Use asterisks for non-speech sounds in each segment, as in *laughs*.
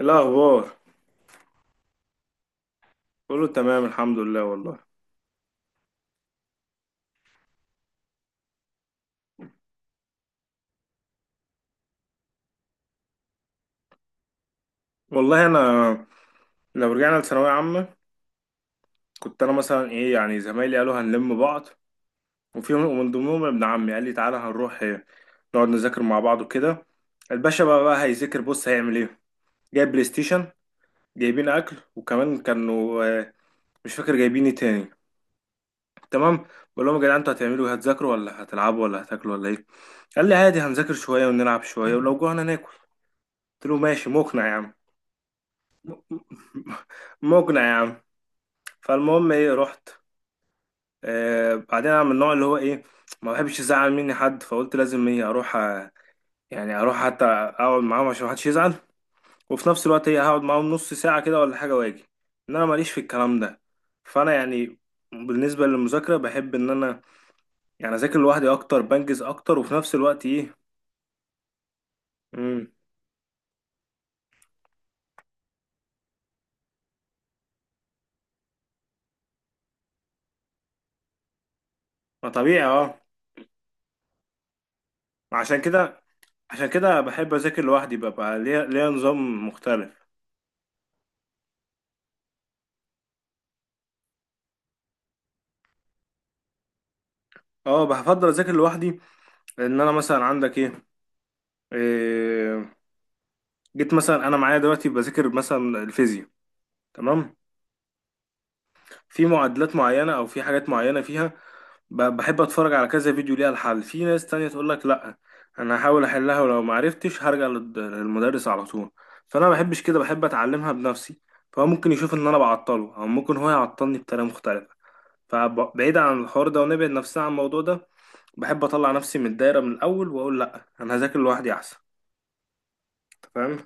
الأخبار. كله تمام الحمد لله والله. والله أنا لو رجعنا لثانوية عامة، كنت أنا مثلا إيه يعني زمايلي قالوا هنلم بعض، وفي ومن ضمنهم ابن عمي قال لي تعالى هنروح نقعد نذاكر مع بعض وكده. الباشا بقى هيذاكر، بص هيعمل إيه، جايب بلاي ستيشن، جايبين أكل وكمان كانوا مش فاكر جايبين إيه تاني. تمام. بقول لهم يا جدعان أنتوا هتعملوا إيه، هتذاكروا ولا هتلعبوا ولا هتاكلوا ولا إيه؟ قال لي عادي هنذاكر شوية ونلعب شوية ولو جوعنا ناكل. قلت له ماشي مقنع يا عم، مقنع يا عم. فالمهم ايه رحت. آه بعدين انا من النوع اللي هو ايه، ما بحبش يزعل مني حد، فقلت لازم ايه اروح، يعني اروح حتى اقعد معاهم عشان محدش يزعل، وفي نفس الوقت ايه هقعد معاهم نص ساعة كده ولا حاجة واجي. ان انا ماليش في الكلام ده. فانا يعني بالنسبة للمذاكرة بحب ان انا يعني اذاكر لوحدي، اكتر بنجز اكتر، وفي نفس الوقت ايه. امم ما طبيعي اه. عشان كده عشان كده بحب اذاكر لوحدي، ببقى ليا نظام مختلف. اه بفضل اذاكر لوحدي. لان انا مثلا عندك ايه, إيه، جيت مثلا انا معايا دلوقتي بذاكر مثلا الفيزياء. تمام. في معادلات معينه او في حاجات معينه فيها، بحب اتفرج على كذا فيديو ليها الحل. في ناس تانية تقول لك لا، انا هحاول احلها ولو ما عرفتش هرجع للمدرس على طول. فانا ما بحبش كده، بحب اتعلمها بنفسي. فهو ممكن يشوف ان انا بعطله، او ممكن هو يعطلني بطريقه مختلفه. فبعيد عن الحوار ده، ونبعد نفسنا عن الموضوع ده، بحب اطلع نفسي من الدايره من الاول واقول لا انا هذاكر لوحدي احسن. فاهم؟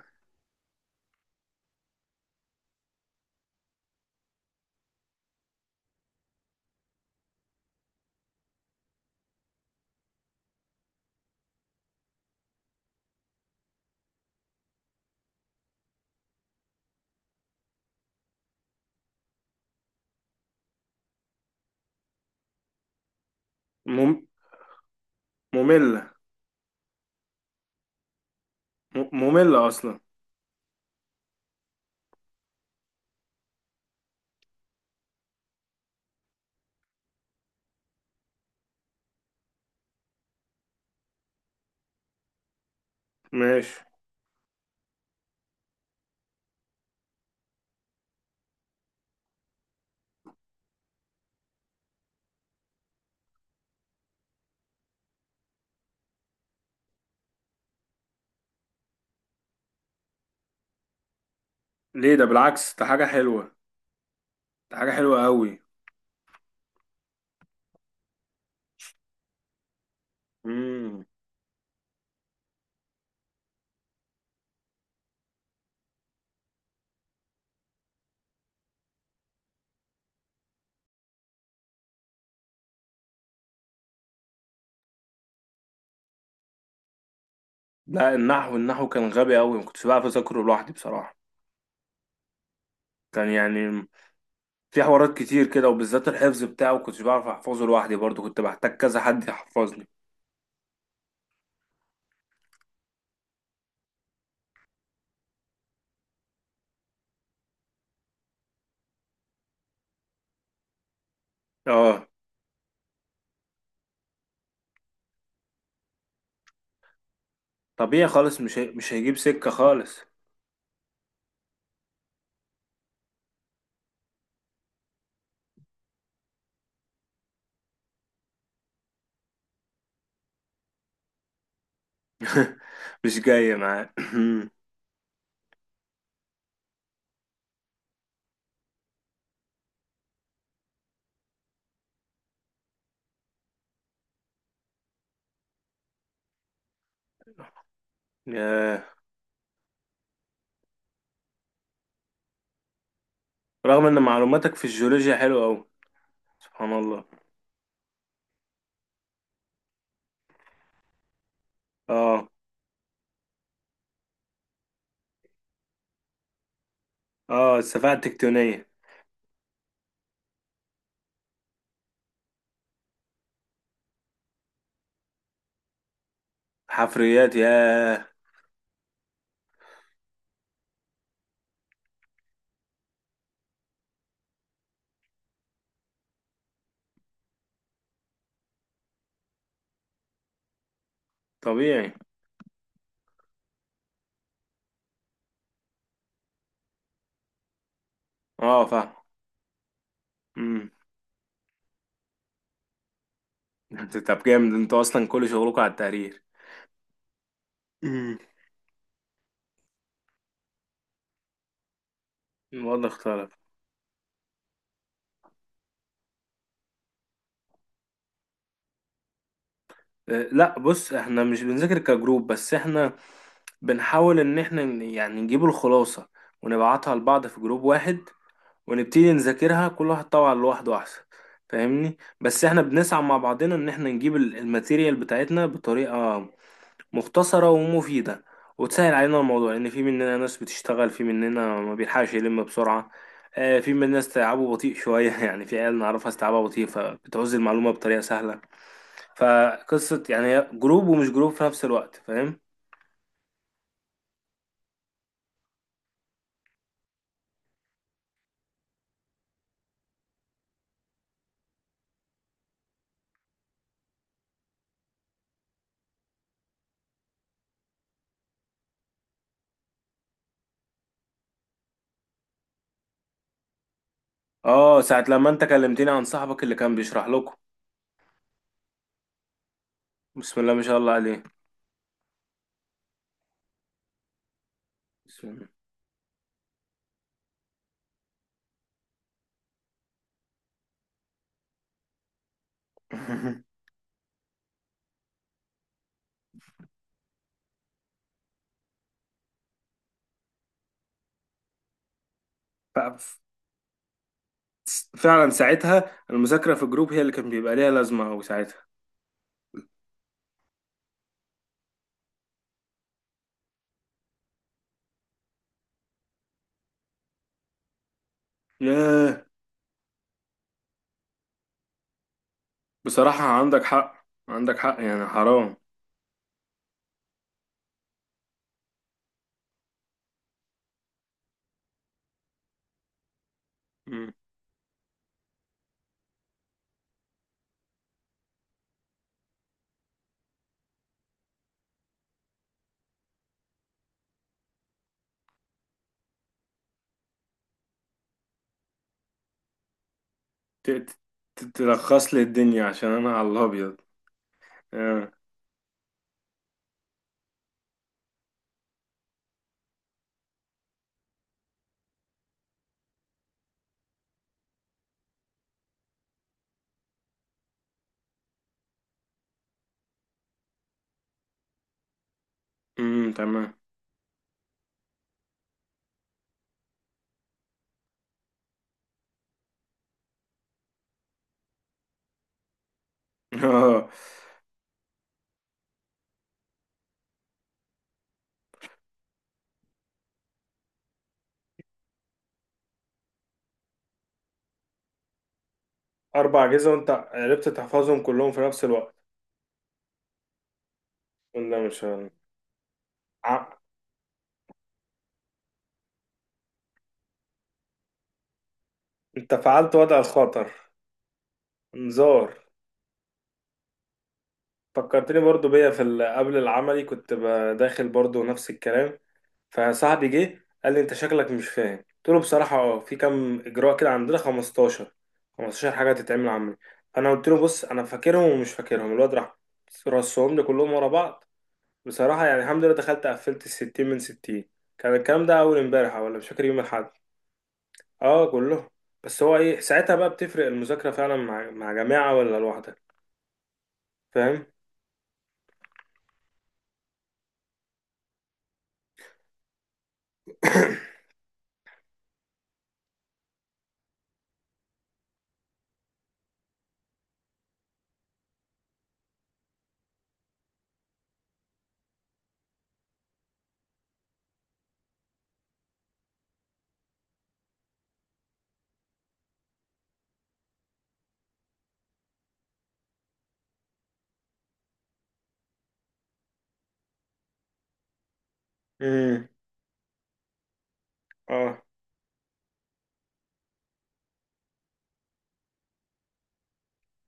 مم... مملة. مملة أصلا. ماشي. ليه؟ ده بالعكس ده حاجة حلوة، ده حاجة حلوة أوي. مم. لا النحو، النحو كان غبي أوي، مكنتش بعرف أذاكره لوحدي بصراحة. كان يعني في حوارات كتير كده، وبالذات الحفظ بتاعه كنتش بعرف أحفظه لوحدي برضه، كنت بحتاج كذا حد يحفظني. اه طبيعي خالص، مش هيجيب سكة خالص. *laughs* مش جاية معاه. *clears throat* آه، رغم إن معلوماتك في الجيولوجيا حلوة أوي، سبحان الله. اه. اه السفاهة التكتونية. حفريات، ياه. طبيعي. اه فاهم. امم. انت طب جامد، انتوا اصلا كل شغلكم على التقرير. امم. الوضع اختلف. لا بص احنا مش بنذاكر كجروب، بس احنا بنحاول ان احنا يعني نجيب الخلاصة، ونبعتها لبعض في جروب واحد، ونبتدي نذاكرها كل واحد طبعا لوحده احسن، فاهمني؟ بس احنا بنسعى مع بعضنا ان احنا نجيب الماتيريال بتاعتنا بطريقة مختصرة ومفيدة، وتسهل علينا الموضوع، لأن في مننا ناس بتشتغل، في مننا ما بيلحقش يلم بسرعة. في مننا ناس تعبه بطيء شوية *laughs* يعني في عيال نعرفها استيعابها بطيء، فبتعوز المعلومة بطريقة سهلة. فقصة يعني هي جروب ومش جروب في نفس الوقت، فاهم؟ اه ساعة لما انت كلمتني عن صاحبك اللي كان بيشرح لكم، بسم الله ما شاء الله عليه. بسم الله. *laughs* ف- فعلا ساعتها المذاكرة في الجروب هي اللي كان بيبقى ليها لازمة أوي ساعتها. ياه. بصراحة عندك حق، عندك حق، يعني حرام. مم. ت- ت- تلخص لي الدنيا عشان انا على الابيض. آه. تمام. *laughs* اه. اربع اجهزه وانت عرفت تحفظهم كلهم في نفس الوقت؟ ولا مش هن- ع... انت فعلت وضع الخطر. انذار. فكرتني برضو بيا في قبل العملي كنت داخل برضو نفس الكلام. فصاحبي جه قال لي انت شكلك مش فاهم، قلت له بصراحه اه في كام اجراء كده عندنا 15 حاجه تتعمل عملي. فانا قلت له بص انا فاكرهم ومش فاكرهم، الواد راح رصهم لي كلهم ورا بعض. بصراحه يعني الحمد لله دخلت قفلت ال 60 من 60. كان الكلام ده اول امبارح ولا مش فاكر يوم الاحد. اه كلهم. بس هو ايه ساعتها بقى، بتفرق المذاكره فعلا مع جماعه ولا لوحدك؟ فاهم. *coughs* امم. اه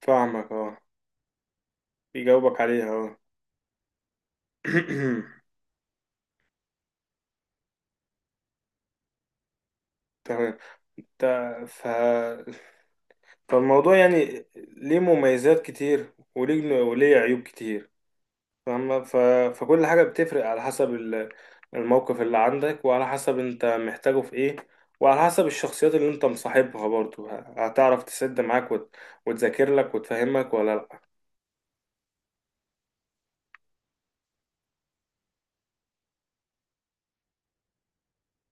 فاهمك اه، بيجاوبك عليها اه. *coughs* تمام. ت- ف... فالموضوع يعني ليه مميزات كتير، وليه عيوب كتير. فاهمة. فكل حاجة بتفرق على حسب الموقف اللي عندك، وعلى حسب انت محتاجه في ايه، وعلى حسب الشخصيات اللي انت مصاحبها برضو، هتعرف تسد معاك وتذاكر لك وتفهمك ولا لا.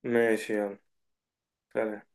ماشي يلا، سلام.